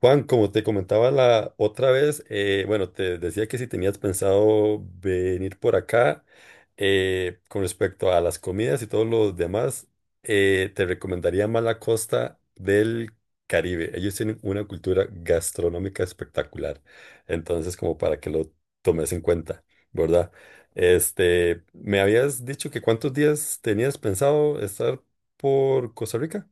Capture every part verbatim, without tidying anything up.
Juan, como te comentaba la otra vez, eh, bueno, te decía que si tenías pensado venir por acá, eh, con respecto a las comidas y todos los demás, eh, te recomendaría más la costa del Caribe. Ellos tienen una cultura gastronómica espectacular. Entonces, como para que lo tomes en cuenta, ¿verdad? Este, me habías dicho que cuántos días tenías pensado estar por Costa Rica.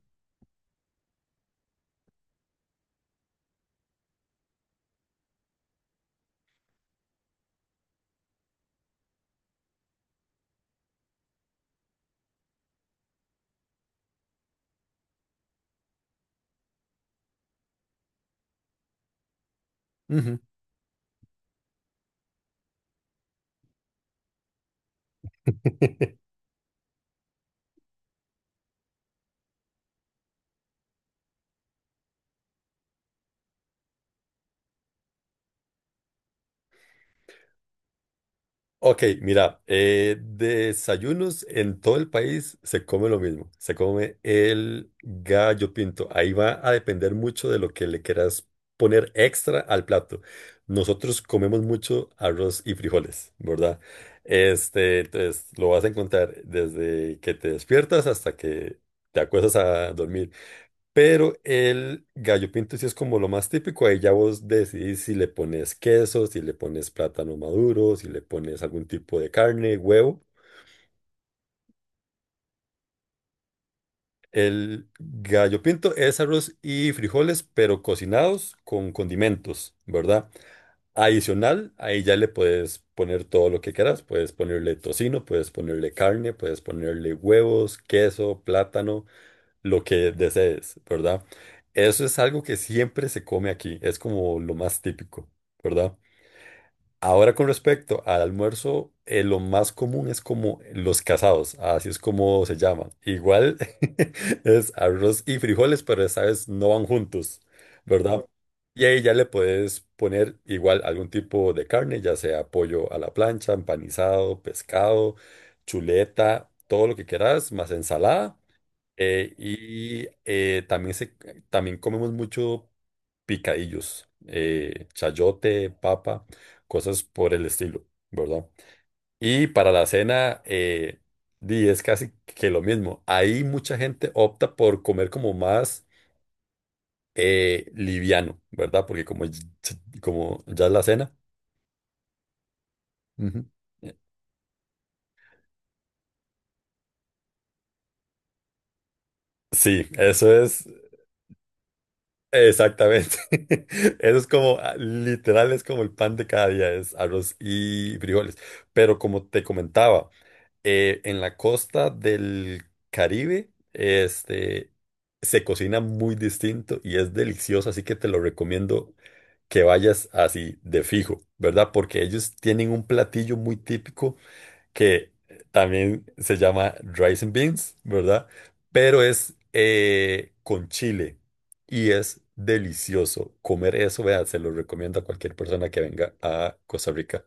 Ok, mira, eh, desayunos en todo el país se come lo mismo, se come el gallo pinto. Ahí va a depender mucho de lo que le quieras poner extra al plato. Nosotros comemos mucho arroz y frijoles, ¿verdad? Este, entonces lo vas a encontrar desde que te despiertas hasta que te acuestas a dormir. Pero el gallo pinto sí es como lo más típico. Ahí ya vos decidís si le pones queso, si le pones plátano maduro, si le pones algún tipo de carne, huevo. El gallo pinto es arroz y frijoles, pero cocinados con condimentos, ¿verdad? Adicional, ahí ya le puedes poner todo lo que quieras. Puedes ponerle tocino, puedes ponerle carne, puedes ponerle huevos, queso, plátano. Lo que desees, ¿verdad? Eso es algo que siempre se come aquí, es como lo más típico, ¿verdad? Ahora con respecto al almuerzo, eh, lo más común es como los casados, así es como se llama. Igual es arroz y frijoles, pero esta vez no van juntos, ¿verdad? Y ahí ya le puedes poner igual algún tipo de carne, ya sea pollo a la plancha, empanizado, pescado, chuleta, todo lo que quieras, más ensalada. Eh, y eh, también, se, también comemos mucho picadillos, eh, chayote, papa, cosas por el estilo, ¿verdad? Y para la cena, eh, di, es casi que lo mismo. Ahí mucha gente opta por comer como más eh, liviano, ¿verdad? Porque como, ya- como ya es la cena. Ujú. Eh, Sí, eso es exactamente. Eso es como, ah, literal, es como el pan de cada día, es arroz y frijoles. Pero como te comentaba, eh, en la costa del Caribe, este, se cocina muy distinto y es delicioso, así que te lo recomiendo que vayas así de fijo, ¿verdad? Porque ellos tienen un platillo muy típico que también se llama rice and beans, ¿verdad? Pero es eh, con chile y es delicioso comer eso, vea, se lo recomiendo a cualquier persona que venga a Costa Rica.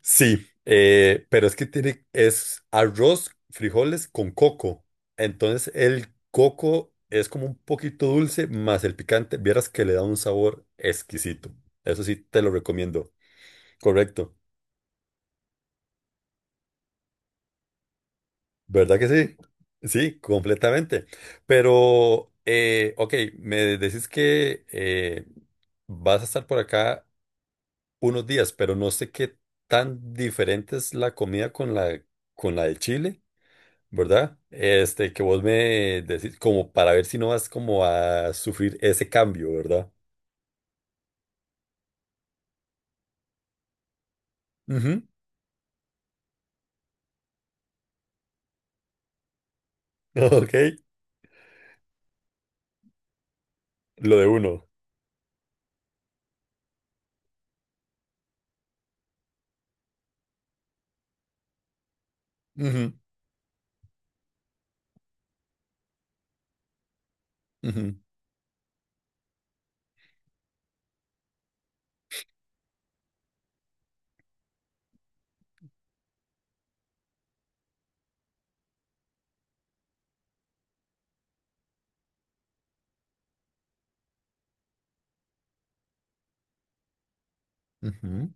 Sí, eh, pero es que tiene, es arroz, frijoles con coco. Entonces el coco es como un poquito dulce, más el picante, vieras que le da un sabor exquisito. Eso sí, te lo recomiendo. Correcto. ¿Verdad que sí? Sí, completamente. Pero, eh, ok, me decís que eh, vas a estar por acá unos días, pero no sé qué tan diferente es la comida con la, con la de Chile, ¿verdad? Este, que vos me decís como para ver si no vas como a sufrir ese cambio, ¿verdad? Ujú. Ok, lo de uno. Ujú, ujú, ujú.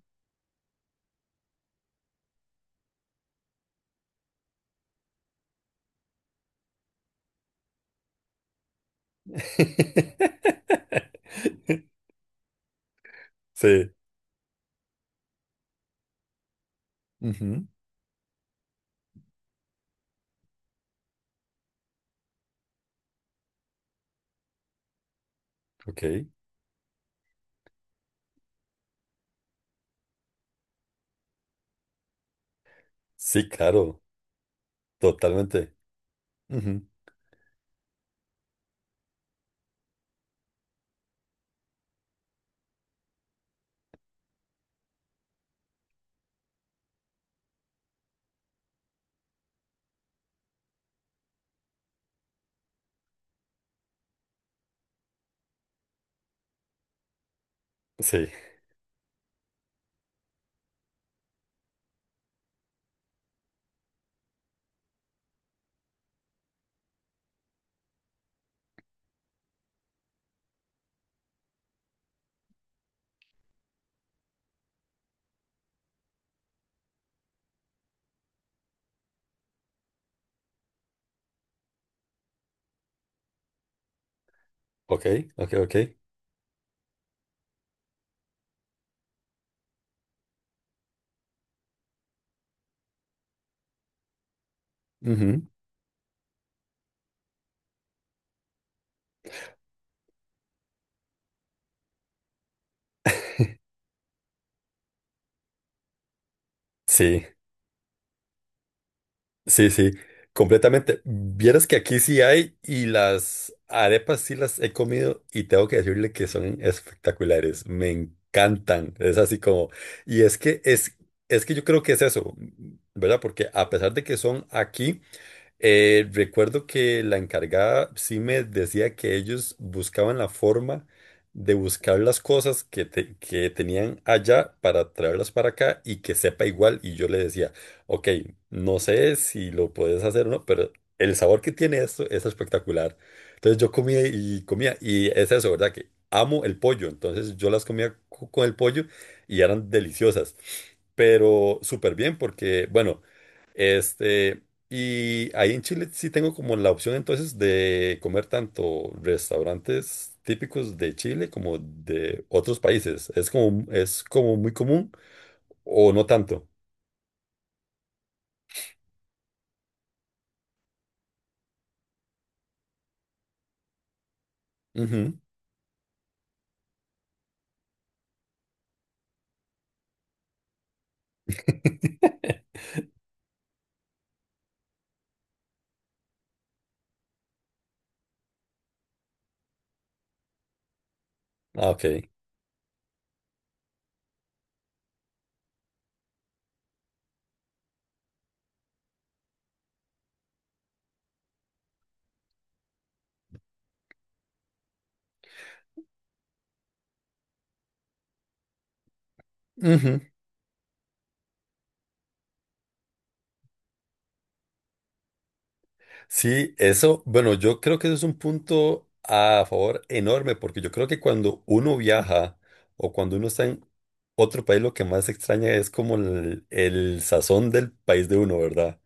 Sí. Ujú, ok. Sí, claro, totalmente. Ujú, sí, ok, ok, ok. Ujú, sí, sí, sí, completamente. Vieras que aquí sí hay y las arepas sí las he comido y tengo que decirle que son espectaculares. Me encantan. Es así como, y es que es, es que yo creo que es eso, ¿verdad? Porque a pesar de que son aquí, eh, recuerdo que la encargada sí me decía que ellos buscaban la forma de buscar las cosas que, te- que tenían allá para traerlas para acá y que sepa igual. Y yo le decía. Ok, no sé si lo puedes hacer o no, pero el sabor que tiene esto es espectacular. Entonces yo comía y comía, y es eso, ¿verdad? Que amo el pollo, entonces yo las comía co- con el pollo y eran deliciosas, pero súper bien porque, bueno, este, y ahí en Chile sí tengo como la opción entonces de comer tanto restaurantes típicos de Chile como de otros países. Es como, es como muy común o no tanto. Ujú. Ah, ok. Ujú. Sí, eso, bueno, yo creo que eso es un punto a favor enorme, porque yo creo que cuando uno viaja o cuando uno está en otro país, lo que más extraña es como el, el sazón del país de uno, ¿verdad?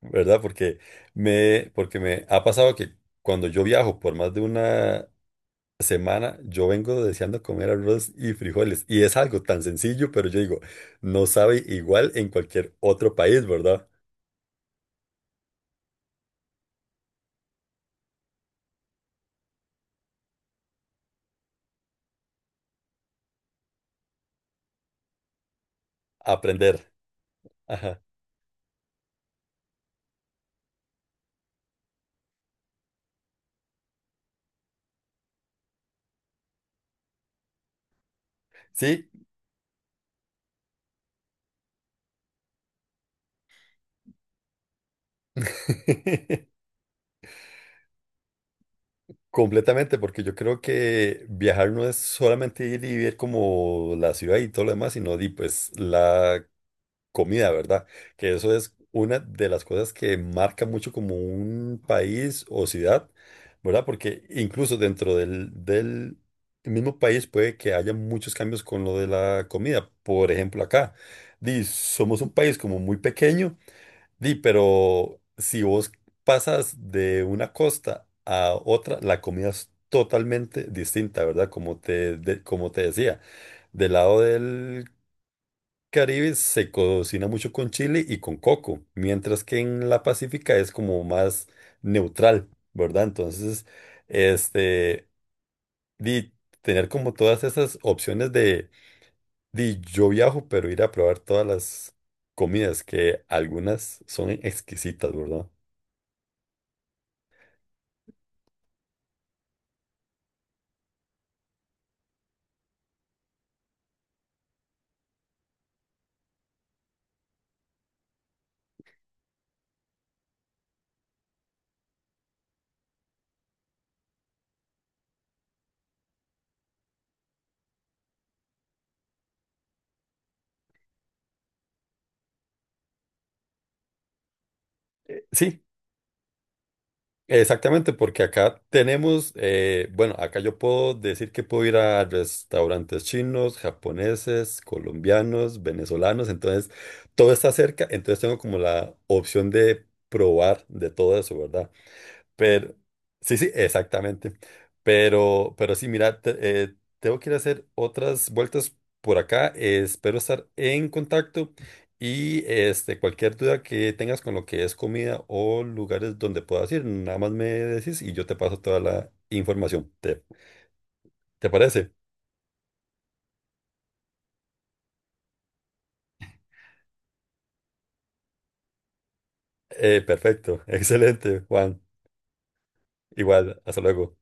¿Verdad? Porque me, porque me ha pasado que cuando yo viajo por más de una semana, yo vengo deseando comer arroz y frijoles, y es algo tan sencillo, pero yo digo, no sabe igual en cualquier otro país, ¿verdad? Aprender. Ajá. Sí, completamente, porque yo creo que viajar no es solamente ir y ver como la ciudad y todo lo demás, sino di, pues la comida, ¿verdad? Que eso es una de las cosas que marca mucho como un país o ciudad, ¿verdad? Porque incluso dentro del, del mismo país puede que haya muchos cambios con lo de la comida. Por ejemplo, acá, di, somos un país como muy pequeño. Di, pero si vos pasas de una costa a otra, la comida es totalmente distinta, ¿verdad? Como te, de- como te decía, del lado del Caribe se cocina mucho con chile y con coco, mientras que en la Pacífica es como más neutral, ¿verdad? Entonces, este, di, tener como todas esas opciones de, di, yo viajo, pero ir a probar todas las comidas, que algunas son exquisitas, ¿verdad? Sí, exactamente, porque acá tenemos, eh, bueno, acá yo puedo decir que puedo ir a restaurantes chinos, japoneses, colombianos, venezolanos, entonces todo está cerca, entonces tengo como la opción de probar de todo eso, ¿verdad? Pero, sí, sí, exactamente. Pero, pero sí, mira, te- eh, tengo que ir a hacer otras vueltas por acá. Eh, espero estar en contacto y este, cualquier duda que tengas con lo que es comida o lugares donde puedas ir, nada más me decís y yo te paso toda la información. ¿Te, te parece? Eh, perfecto, excelente, Juan. Igual, hasta luego.